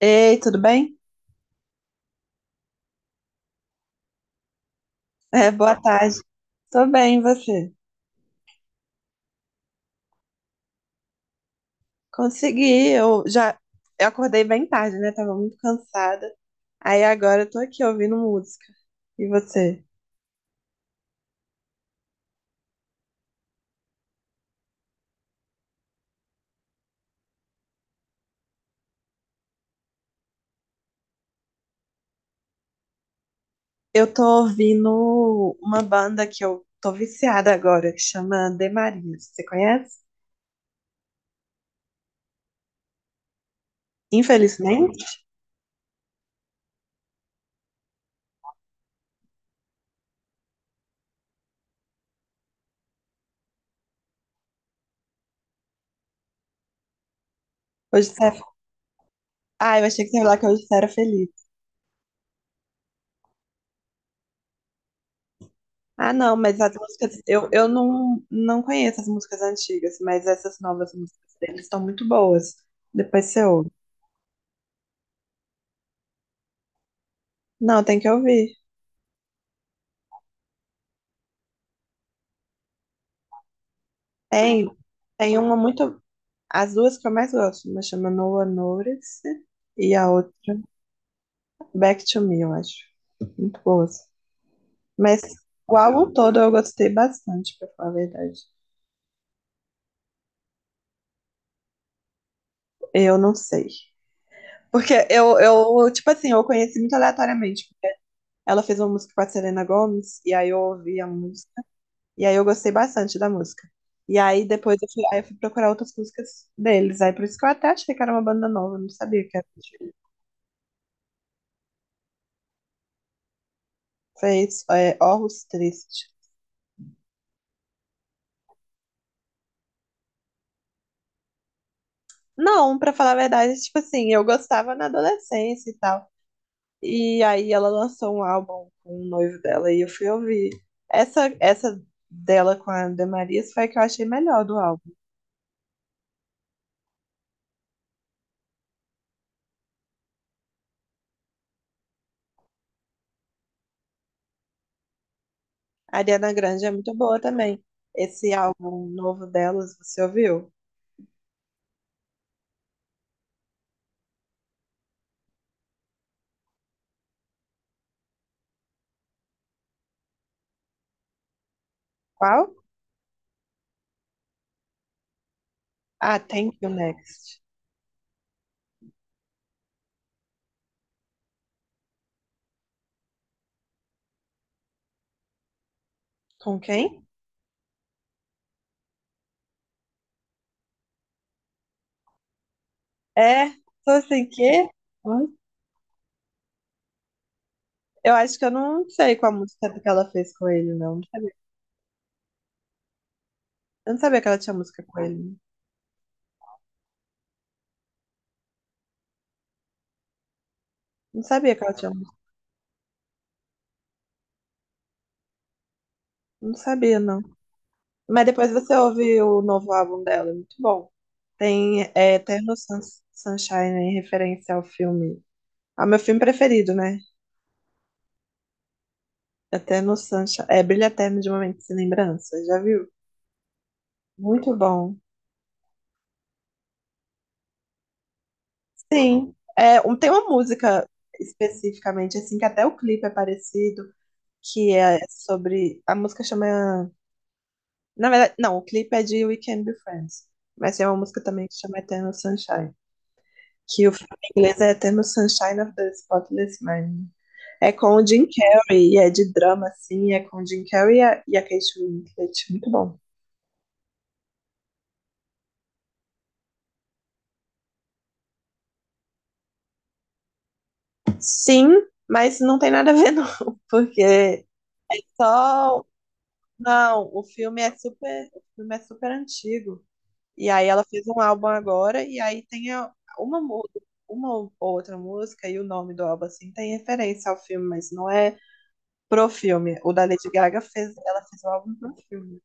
Ei, tudo bem? É, boa tarde. Tô bem, e você? Consegui, eu acordei bem tarde, né? Tava muito cansada. Aí agora eu tô aqui ouvindo música. E você? Eu tô ouvindo uma banda que eu tô viciada agora, que chama De Maria. Você conhece? Infelizmente, hoje você é... Ah, eu achei que você ia falar que hoje você era feliz. Ah, não, mas as músicas... eu não, não conheço as músicas antigas, mas essas novas músicas deles estão muito boas. Depois você ouve. Não, tem que ouvir. Tem, tem uma muito. As duas que eu mais gosto, uma chama No One Notice e a outra Back to Me, eu acho. Muito boas. Mas o álbum todo eu gostei bastante, pra falar a verdade. Eu não sei. Porque tipo assim, eu conheci muito aleatoriamente. Ela fez uma música com a Selena Gomez, e aí eu ouvi a música. E aí eu gostei bastante da música. E aí depois aí eu fui procurar outras músicas deles. Aí por isso que eu até achei que era uma banda nova, eu não sabia que era. Fez é, Orros Triste. Não, pra falar a verdade, tipo assim, eu gostava na adolescência e tal. E aí ela lançou um álbum com o noivo dela e eu fui ouvir. Essa dela com a Ana Maria foi a que eu achei melhor do álbum. A Ariana Grande é muito boa também. Esse álbum novo delas, você ouviu? Qual? Ah, Thank You Next. Com quem? É, tô assim, quê? Hã? Eu acho que eu não sei qual música que ela fez com ele, não. Não sabia, eu não sabia que ela tinha música com ele. Não sabia que ela tinha. Não sabia, não. Mas depois você ouve o novo álbum dela, é muito bom. Tem é, Sunshine em referência ao filme. Ao meu filme preferido, né? Eterno Sunshine. É Brilho Eterno de uma Mente Sem Lembrança. Já viu? Muito bom. Sim. É, um, tem uma música especificamente, assim, que até o clipe é parecido, que é sobre. A música chama. Na verdade, não, o clipe é de We Can Be Friends. Mas tem uma música também que chama Eternal Sunshine, que o filme em inglês é Eternal Sunshine of the Spotless Mind. É com o Jim Carrey, e é de drama, assim, é com o Jim Carrey e e a Kate Winslet, muito bom. Sim, mas não tem nada a ver não, porque só... Não, o filme é super antigo. E aí ela fez um álbum agora, e aí tem uma, mu- uma ou outra música e o nome do álbum, assim, tem referência ao filme, mas não é pro filme. O da Lady Gaga fez, ela fez o álbum pro filme.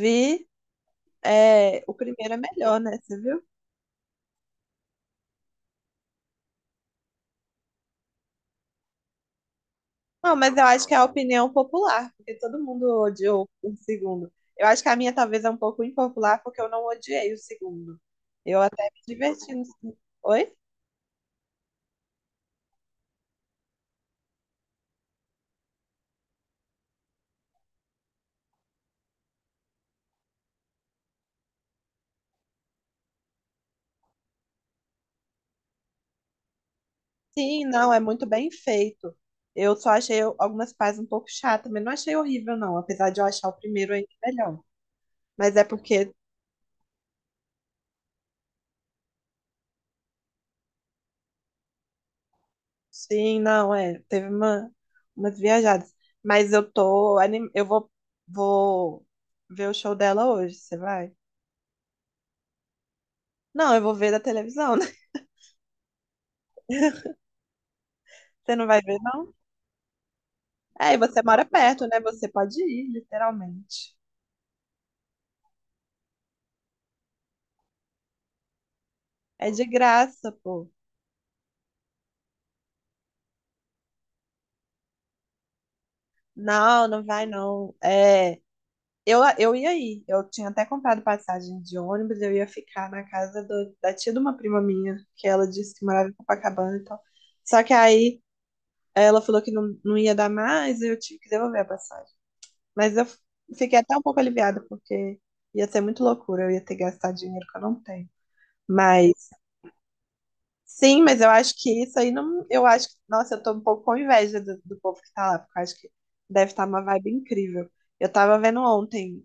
Vi. É, o primeiro é melhor, né? Você viu? Não, mas eu acho que é a opinião popular, porque todo mundo odiou o segundo. Eu acho que a minha talvez é um pouco impopular, porque eu não odiei o segundo. Eu até me diverti no segundo. Oi? Sim, não, é muito bem feito. Eu só achei algumas partes um pouco chatas, mas não achei horrível, não. Apesar de eu achar o primeiro ainda melhor. Mas é porque, sim, não, é. Teve umas viajadas. Mas eu tô. Vou ver o show dela hoje. Você vai? Não, eu vou ver da televisão, né? Você não vai ver, não? É, e você mora perto, né? Você pode ir, literalmente. É de graça, pô. Não, não vai, não. É, eu ia ir. Eu tinha até comprado passagem de ônibus, eu ia ficar na casa da tia de uma prima minha, que ela disse que morava em Copacabana e tal. Só que aí ela falou que não, não ia dar mais, e eu tive que devolver a passagem. Mas eu fiquei até um pouco aliviada, porque ia ser muito loucura, eu ia ter que gastar dinheiro que eu não tenho. Mas sim, mas eu acho que isso aí não. Eu acho que. Nossa, eu tô um pouco com inveja do povo que tá lá, porque eu acho que deve estar uma vibe incrível. Eu tava vendo ontem,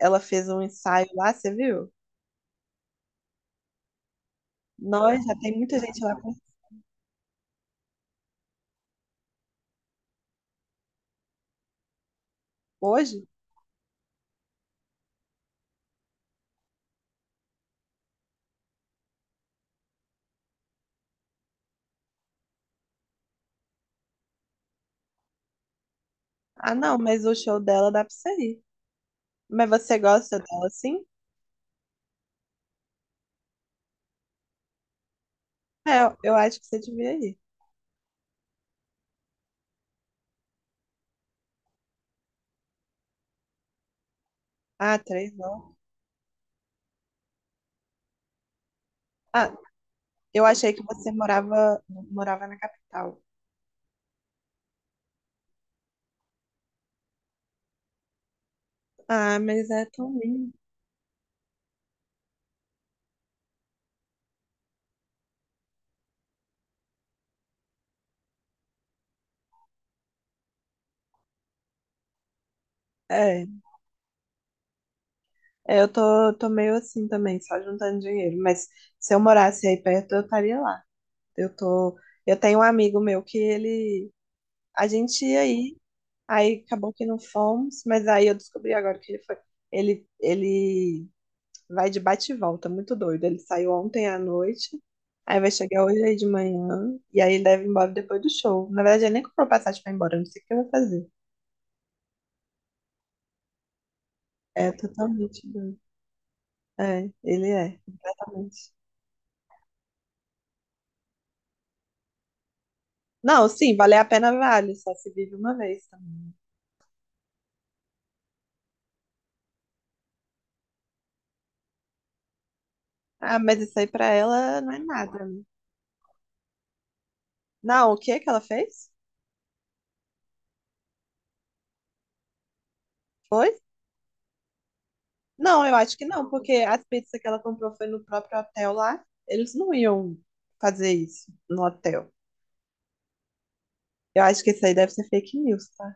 ela fez um ensaio lá, você viu? Nós já tem muita gente lá com- hoje. Ah, não, mas o show dela dá pra você ir. Mas você gosta dela sim? É, eu acho que você devia ir. Ah, três não. Ah, eu achei que você morava na capital. Ah, mas é tão lindo. É. É, tô meio assim também, só juntando dinheiro. Mas se eu morasse aí perto, eu estaria lá. Eu tô, eu tenho um amigo meu que ele, a gente ia aí aí acabou que não fomos, mas aí eu descobri agora que ele foi, ele vai de bate e volta, muito doido. Ele saiu ontem à noite, aí vai chegar hoje aí de manhã, e aí ele deve ir embora depois do show. Na verdade, ele nem comprou passagem pra ir embora, eu não sei o que eu vou fazer. É totalmente doido. É, ele é, completamente. Não, sim, valer a pena vale, só se vive uma vez também. Ah, mas isso aí pra ela não é nada, né? Não, o que que ela fez? Foi? Não, eu acho que não, porque as pizzas que ela comprou foi no próprio hotel lá. Eles não iam fazer isso no hotel. Eu acho que isso aí deve ser fake news, tá?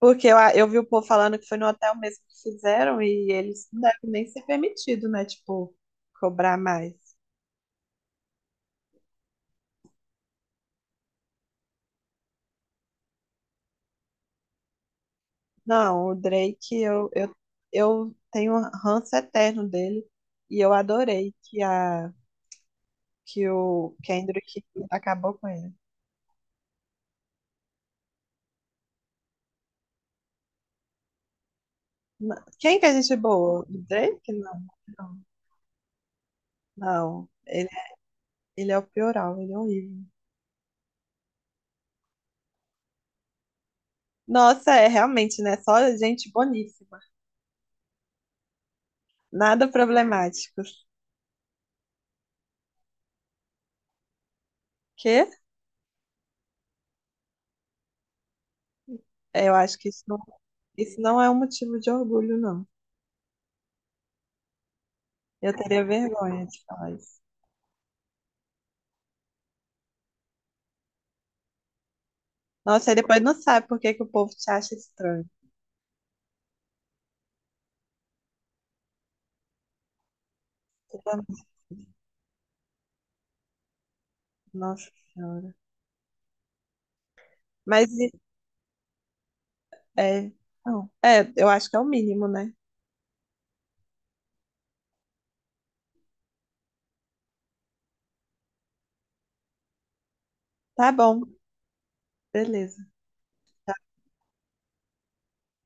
Porque eu vi o povo falando que foi no hotel mesmo que fizeram e eles não devem nem ser permitido, né? Tipo, cobrar mais. Não, o Drake, eu tenho um ranço eterno dele e eu adorei que o Kendrick acabou com ele. Na- Quem que é gente boa? O Drake? Não, não. Não, ele é o pioral, ele é horrível. Nossa, é realmente, né? Só gente boníssima. Nada problemático. Que? Eu acho que isso não é um motivo de orgulho, não. Eu teria vergonha de falar isso. Nossa, e depois não sabe por que que o povo te acha estranho. Nossa Senhora. Mas é, não, é, eu acho que é o mínimo, né? Tá bom, beleza.